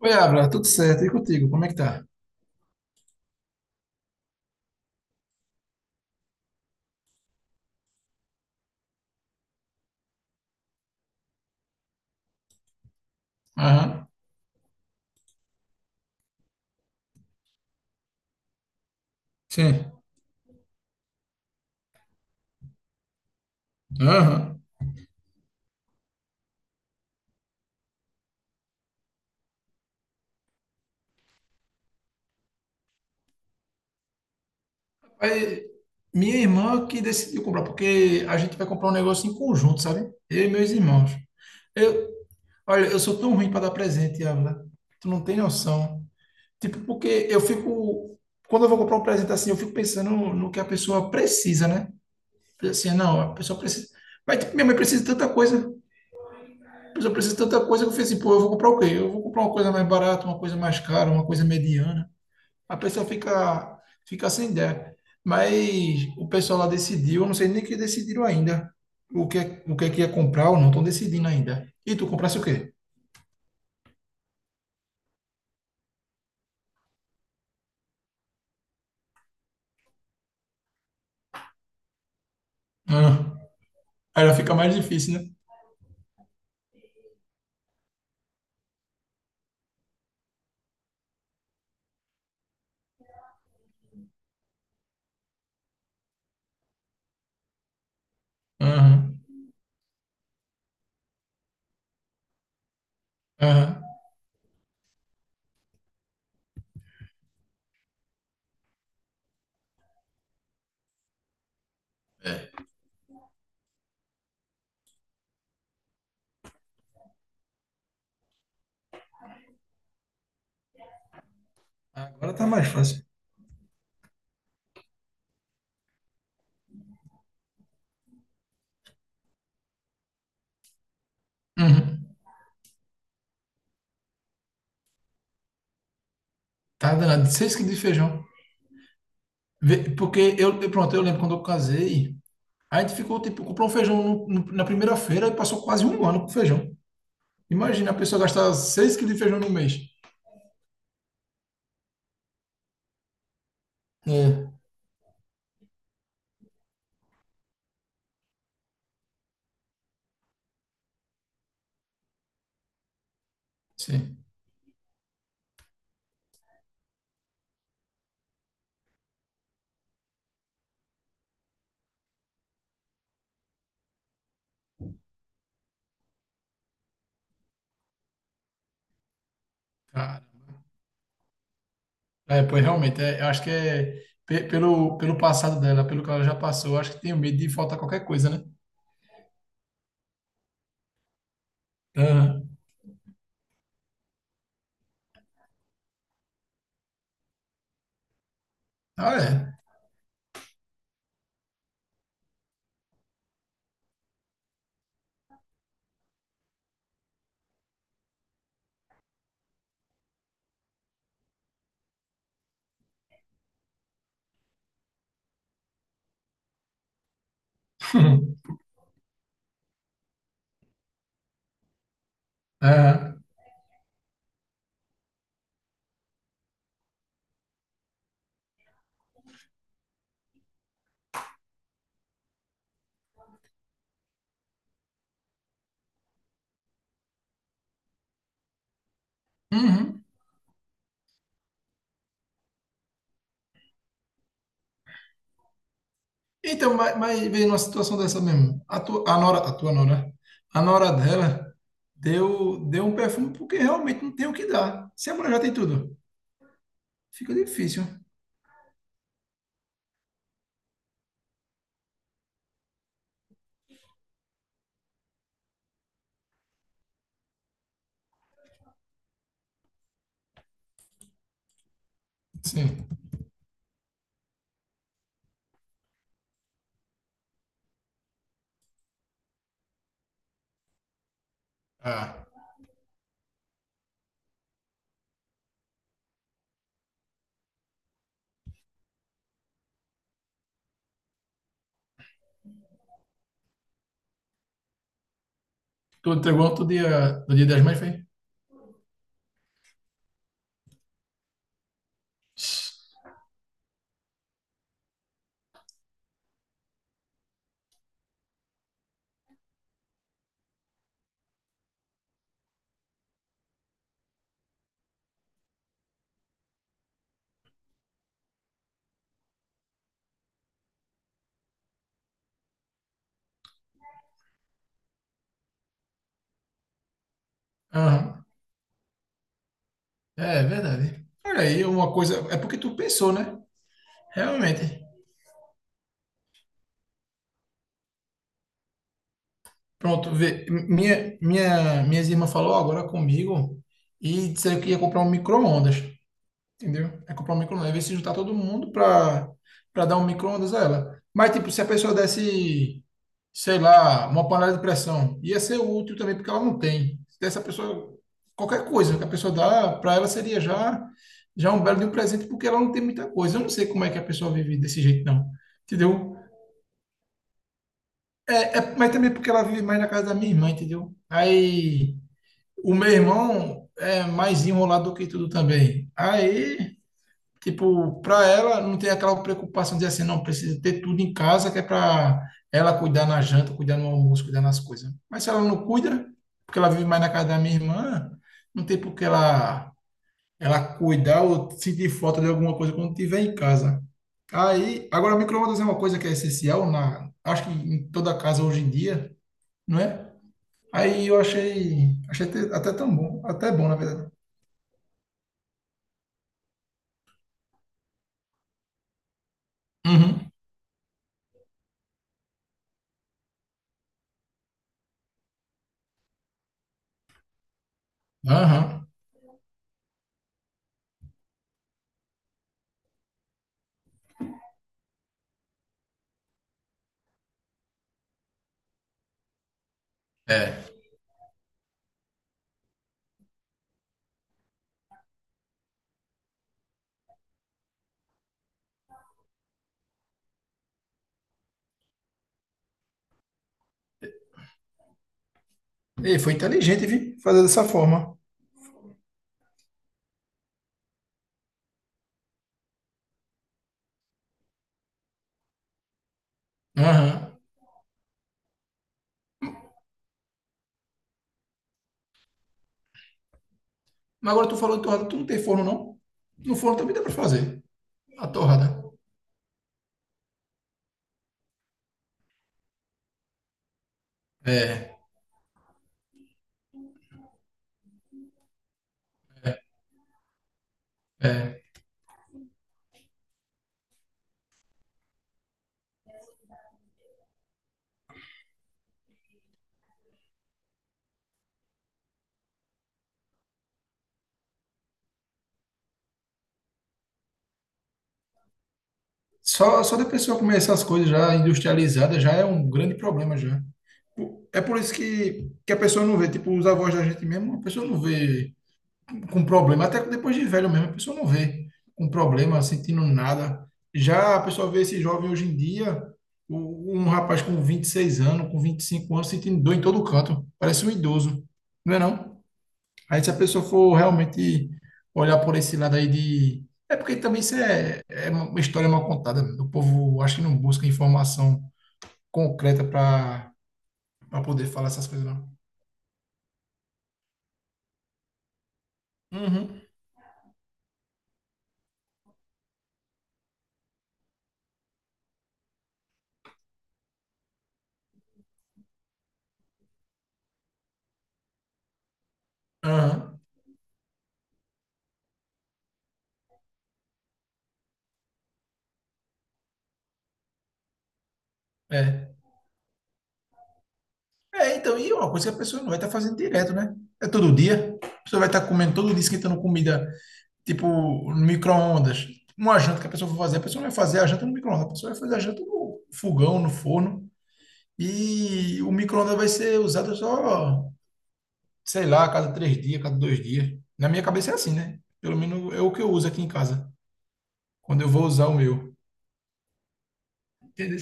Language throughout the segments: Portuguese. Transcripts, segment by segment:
Oi, Abra, tudo certo? E contigo, como é que tá? Aham, sim. Aham. Aí, minha irmã que decidiu comprar, porque a gente vai comprar um negócio em conjunto, sabe? Eu e meus irmãos. Eu, olha, eu sou tão ruim para dar presente, Abra. Tu não tem noção. Tipo, porque eu fico. Quando eu vou comprar um presente assim, eu fico pensando no que a pessoa precisa, né? Assim, não, a pessoa precisa. Mas tipo, minha mãe precisa de tanta coisa. A pessoa precisa de tanta coisa que eu falei assim, pô, eu vou comprar o quê? Eu vou comprar uma coisa mais barata, uma coisa mais cara, uma coisa mediana. A pessoa fica, sem ideia. Mas o pessoal lá decidiu, eu não sei nem que decidiram ainda o que, o que é que ia comprar ou não, estão decidindo ainda. E tu comprasse o quê? Ah, aí já fica mais difícil, né? Aham, aham. Agora tá mais fácil. Uhum. Tá danado. Seis quilos de feijão. Porque pronto, eu lembro quando eu casei, a gente ficou, tipo, comprou um feijão na primeira feira e passou quase um ano com feijão. Imagina a pessoa gastar seis quilos de feijão no mês. É. Sim. É, pois realmente, é, eu acho que é pelo, pelo passado dela, pelo que ela já passou, eu acho que tenho medo de faltar qualquer coisa, né? Aham. Ah, é. Aham. Uhum. Então, mas veio numa situação dessa mesmo. A tua, a nora, a tua nora, a nora dela deu, deu um perfume porque realmente não tem o que dar. Se a mulher já tem tudo, fica difícil. Sim. Ah. Tu entregou no dia, no dia das mães, foi? Aham. É, é verdade. Olha aí, uma coisa. É porque tu pensou, né? Realmente. Pronto, vê, minha, minhas irmãs falou agora comigo e disseram que ia comprar um micro-ondas, entendeu? É comprar um micro-ondas, ver se juntar todo mundo para para dar um micro-ondas a ela. Mas, tipo, se a pessoa desse, sei lá, uma panela de pressão, ia ser útil também, porque ela não tem. Se desse a pessoa, qualquer coisa que a pessoa dá, para ela seria já, já um belo de um presente, porque ela não tem muita coisa. Eu não sei como é que a pessoa vive desse jeito, não, entendeu? É, é, mas também porque ela vive mais na casa da minha irmã, entendeu? Aí. O meu irmão é mais enrolado do que tudo também. Aí, tipo, para ela não tem aquela preocupação de assim, não, precisa ter tudo em casa, que é para ela cuidar na janta, cuidar no almoço, cuidar nas coisas. Mas se ela não cuida, porque ela vive mais na casa da minha irmã, não tem por que ela cuidar ou sentir falta de alguma coisa quando estiver em casa. Aí, agora, micro-ondas é uma coisa que é essencial na, acho que em toda casa hoje em dia, não é? Aí eu achei, achei até, até tão bom, até bom, na verdade. Uhum. Aham. É. Ei, foi inteligente, vi, fazer dessa forma. Aham. Mas agora tu falou de torrada, tu não tem forno, não? No forno também dá pra fazer. A torrada. É. É. É. Só, só da pessoa comer essas coisas já industrializadas já é um grande problema já. É por isso que a pessoa não vê, tipo, os avós da gente mesmo, a pessoa não vê com problema, até que depois de velho mesmo, a pessoa não vê com problema, sentindo nada. Já a pessoa vê esse jovem hoje em dia, um rapaz com 26 anos, com 25 anos, sentindo dor em todo canto, parece um idoso, não é não? Aí se a pessoa for realmente olhar por esse lado aí de... É porque também isso é, é uma história mal contada, o povo acho que não busca informação concreta para para poder falar essas coisas, não. Uhum. Aham. É. É, então, e é uma coisa que a pessoa não vai estar fazendo direto, né? É todo dia. A pessoa vai estar comendo todo dia, esquentando comida, tipo, no micro-ondas. Uma janta que a pessoa for fazer, a pessoa não vai fazer a janta no micro-ondas, a pessoa vai fazer a janta no fogão, no forno. E o micro-ondas vai ser usado só, sei lá, a cada três dias, a cada dois dias. Na minha cabeça é assim, né? Pelo menos é o que eu uso aqui em casa, quando eu vou usar o meu. Entendeu?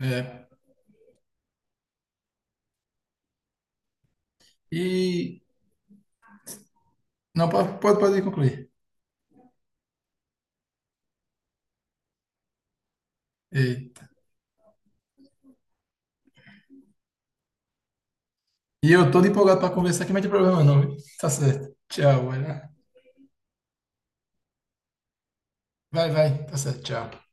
É. E. Não, pode concluir. É, e eu todo empolgado para conversar, que não tem problema não. Tá certo. Tchau, vai lá. Vai, vai. Tá certo, tchau.